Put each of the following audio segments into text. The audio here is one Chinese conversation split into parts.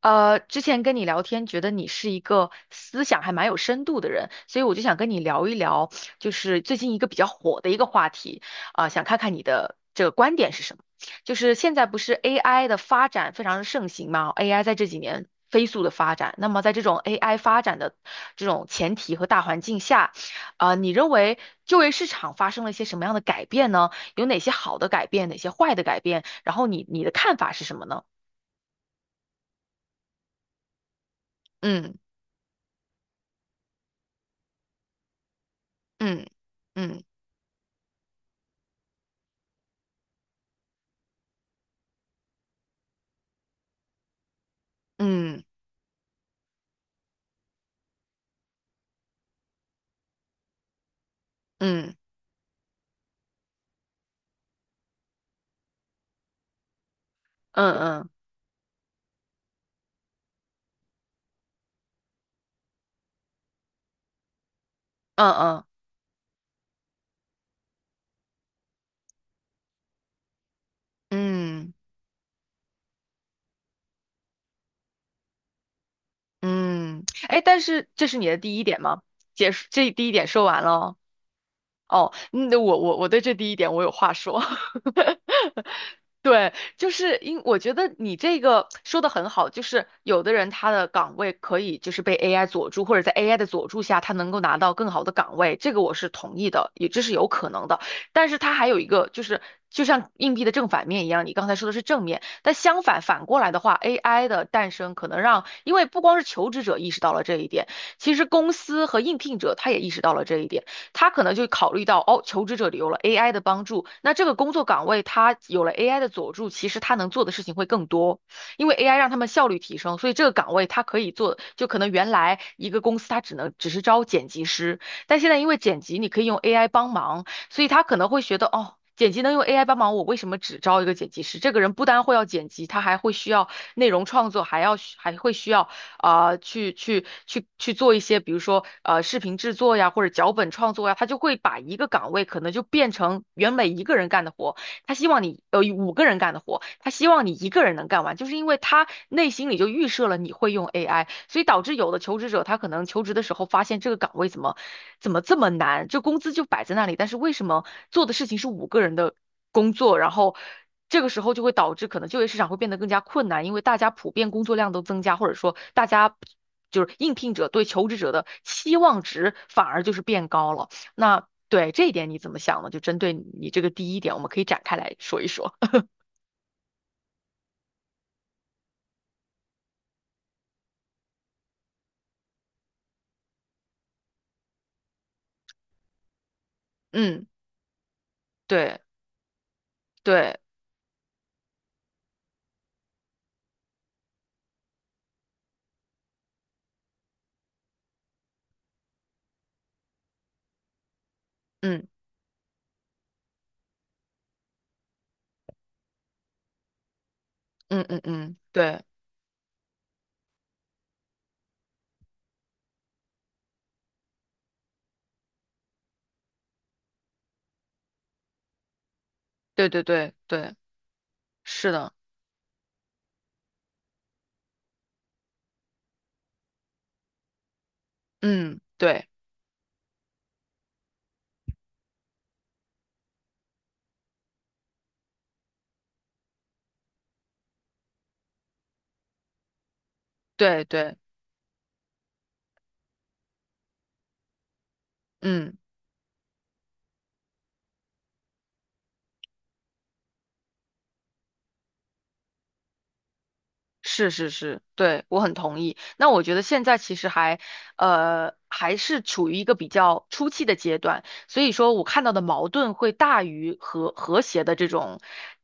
之前跟你聊天，觉得你是一个思想还蛮有深度的人，所以我就想跟你聊一聊，就是最近一个比较火的一个话题，想看看你的这个观点是什么。就是现在不是 AI 的发展非常的盛行嘛，AI 在这几年飞速的发展，那么在这种 AI 发展的这种前提和大环境下，你认为就业市场发生了一些什么样的改变呢？有哪些好的改变，哪些坏的改变？然后你的看法是什么呢？嗯嗯。嗯嗯嗯嗯嗯嗯嗯嗯，嗯，哎，但是这是你的第一点吗？结束，这第一点说完了哦。哦，嗯，我对这第一点我有话说。对，就是因我觉得你这个说的很好，就是有的人他的岗位可以就是被 AI 佐助，或者在 AI 的佐助下，他能够拿到更好的岗位，这个我是同意的，也这是有可能的。但是它还有一个就是，就像硬币的正反面一样，你刚才说的是正面，但相反反过来的话，AI 的诞生可能让，因为不光是求职者意识到了这一点，其实公司和应聘者他也意识到了这一点。他可能就考虑到，哦，求职者有了 AI 的帮助，那这个工作岗位他有了 AI 的佐助，其实他能做的事情会更多，因为 AI 让他们效率提升，所以这个岗位他可以做，就可能原来一个公司他只是招剪辑师，但现在因为剪辑你可以用 AI 帮忙，所以他可能会觉得，哦。剪辑能用 AI 帮忙，我为什么只招一个剪辑师？这个人不单会要剪辑，他还会需要内容创作，还会需要去做一些，比如说视频制作呀，或者脚本创作呀，他就会把一个岗位可能就变成原本一个人干的活，他希望你五个人干的活，他希望你一个人能干完，就是因为他内心里就预设了你会用 AI，所以导致有的求职者他可能求职的时候发现这个岗位怎么这么难，就工资就摆在那里，但是为什么做的事情是五个人的工作，然后这个时候就会导致可能就业市场会变得更加困难，因为大家普遍工作量都增加，或者说大家就是应聘者对求职者的期望值反而就是变高了。那对这一点你怎么想呢？就针对你这个第一点，我们可以展开来说一说。嗯，对对，嗯嗯嗯嗯，对对对对对，是的，嗯，对对对，嗯。是是是，对，我很同意。那我觉得现在其实还，还是处于一个比较初期的阶段，所以说我看到的矛盾会大于和谐的这种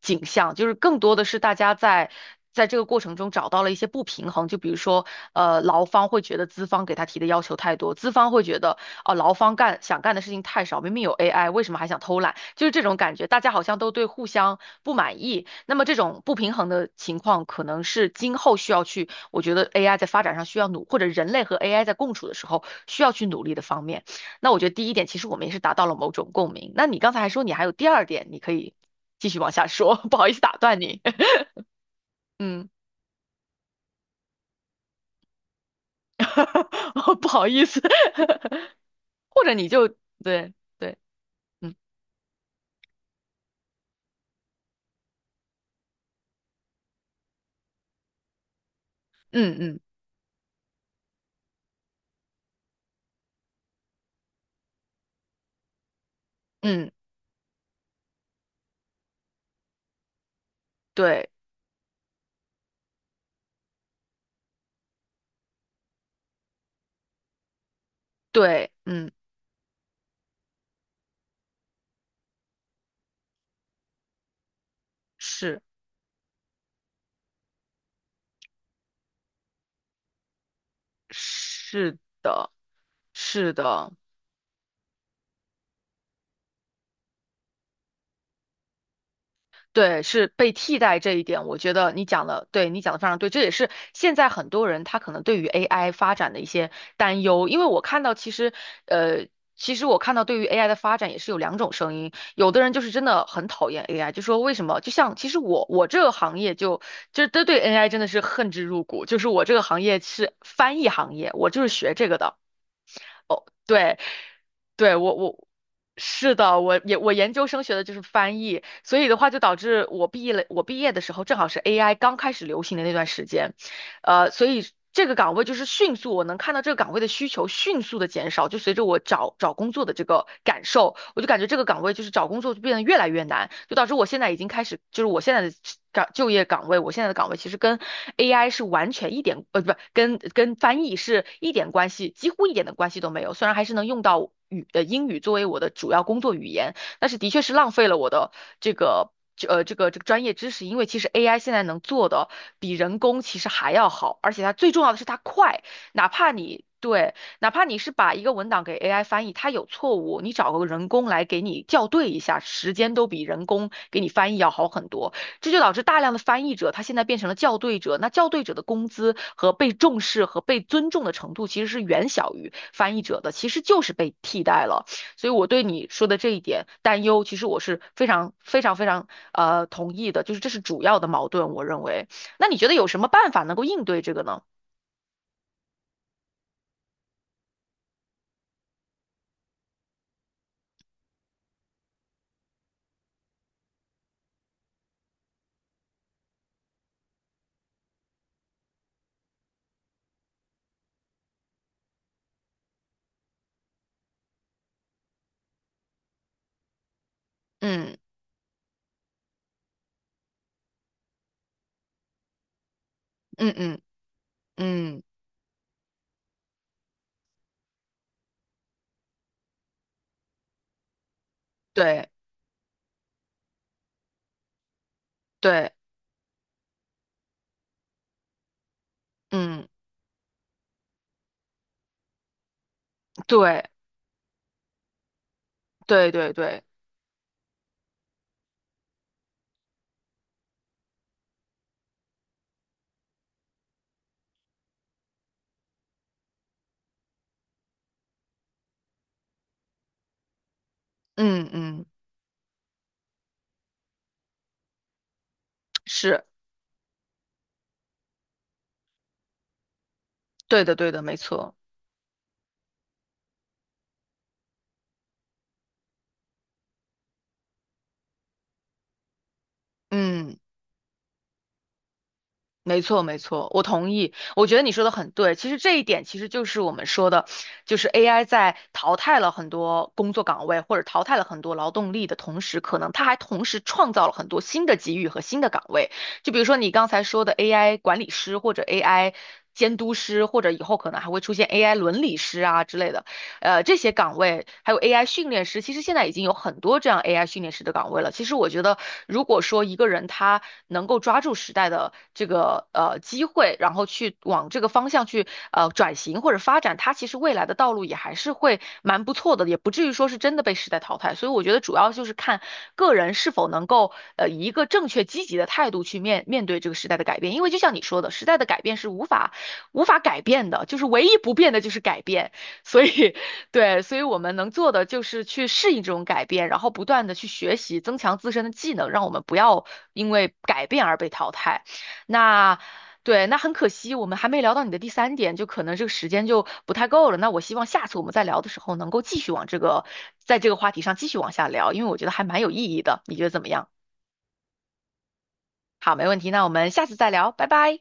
景象，就是更多的是大家在这个过程中找到了一些不平衡，就比如说，劳方会觉得资方给他提的要求太多，资方会觉得，哦，劳方干想干的事情太少，明明有 AI，为什么还想偷懒？就是这种感觉，大家好像都对互相不满意。那么这种不平衡的情况，可能是今后需要去，我觉得 AI 在发展上需要努，或者人类和 AI 在共处的时候需要去努力的方面。那我觉得第一点，其实我们也是达到了某种共鸣。那你刚才还说你还有第二点，你可以继续往下说，不好意思打断你。嗯，不好意思，或者你就对对，嗯嗯嗯嗯，对对，嗯，是是的。是的，对，是被替代这一点，我觉得你讲的，对，你讲的非常对，这也是现在很多人他可能对于 AI 发展的一些担忧，因为我看到其实，呃，其实我看到对于 AI 的发展也是有两种声音，有的人就是真的很讨厌 AI，就说为什么？就像其实我这个行业就是对 AI 真的是恨之入骨，就是我这个行业是翻译行业，我就是学这个的。对，对，我是的，我也我研究生学的就是翻译，所以的话就导致我毕业了，我毕业的时候正好是 AI 刚开始流行的那段时间，所以这个岗位就是迅速，我能看到这个岗位的需求迅速的减少，就随着我找工作的这个感受，我就感觉这个岗位就是找工作就变得越来越难，就导致我现在已经开始，就是我现在的就业岗位，我现在的岗位其实跟 AI 是完全一点，呃，不，跟翻译是一点关系，几乎一点的关系都没有，虽然还是能用到。英语作为我的主要工作语言，但是的确是浪费了我的这个。专业知识，因为其实 AI 现在能做的比人工其实还要好，而且它最重要的是它快，哪怕你对，哪怕你是把一个文档给 AI 翻译，它有错误，你找个人工来给你校对一下，时间都比人工给你翻译要好很多。这就导致大量的翻译者，他现在变成了校对者。那校对者的工资和被重视和被尊重的程度，其实是远小于翻译者的，其实就是被替代了。所以我对你说的这一点担忧，其实我是非常非常非常同意的，就是这是主要的矛盾，我认为。那你觉得有什么办法能够应对这个呢？嗯嗯嗯嗯，对对，嗯对对对对，嗯嗯，是对的对的，没错，嗯。没错，没错，我同意。我觉得你说的很对。其实这一点其实就是我们说的，就是 AI 在淘汰了很多工作岗位或者淘汰了很多劳动力的同时，可能它还同时创造了很多新的机遇和新的岗位。就比如说你刚才说的 AI 管理师或者 AI 监督师，或者以后可能还会出现 AI 伦理师啊之类的。这些岗位还有 AI 训练师，其实现在已经有很多这样 AI 训练师的岗位了。其实我觉得，如果说一个人他能够抓住时代的这个机会，然后去往这个方向去转型或者发展，他其实未来的道路也还是会蛮不错的，也不至于说是真的被时代淘汰。所以我觉得主要就是看个人是否能够以一个正确积极的态度去面对这个时代的改变，因为就像你说的，时代的改变是无法改变的，就是唯一不变的就是改变。所以对，所以我们能做的就是去适应这种改变，然后不断的去学习，增强自身的技能，让我们不要因为改变而被淘汰。那对，那很可惜，我们还没聊到你的第三点，就可能这个时间就不太够了。那我希望下次我们再聊的时候，能够继续往这个，在这个话题上继续往下聊，因为我觉得还蛮有意义的。你觉得怎么样？好，没问题，那我们下次再聊，拜拜。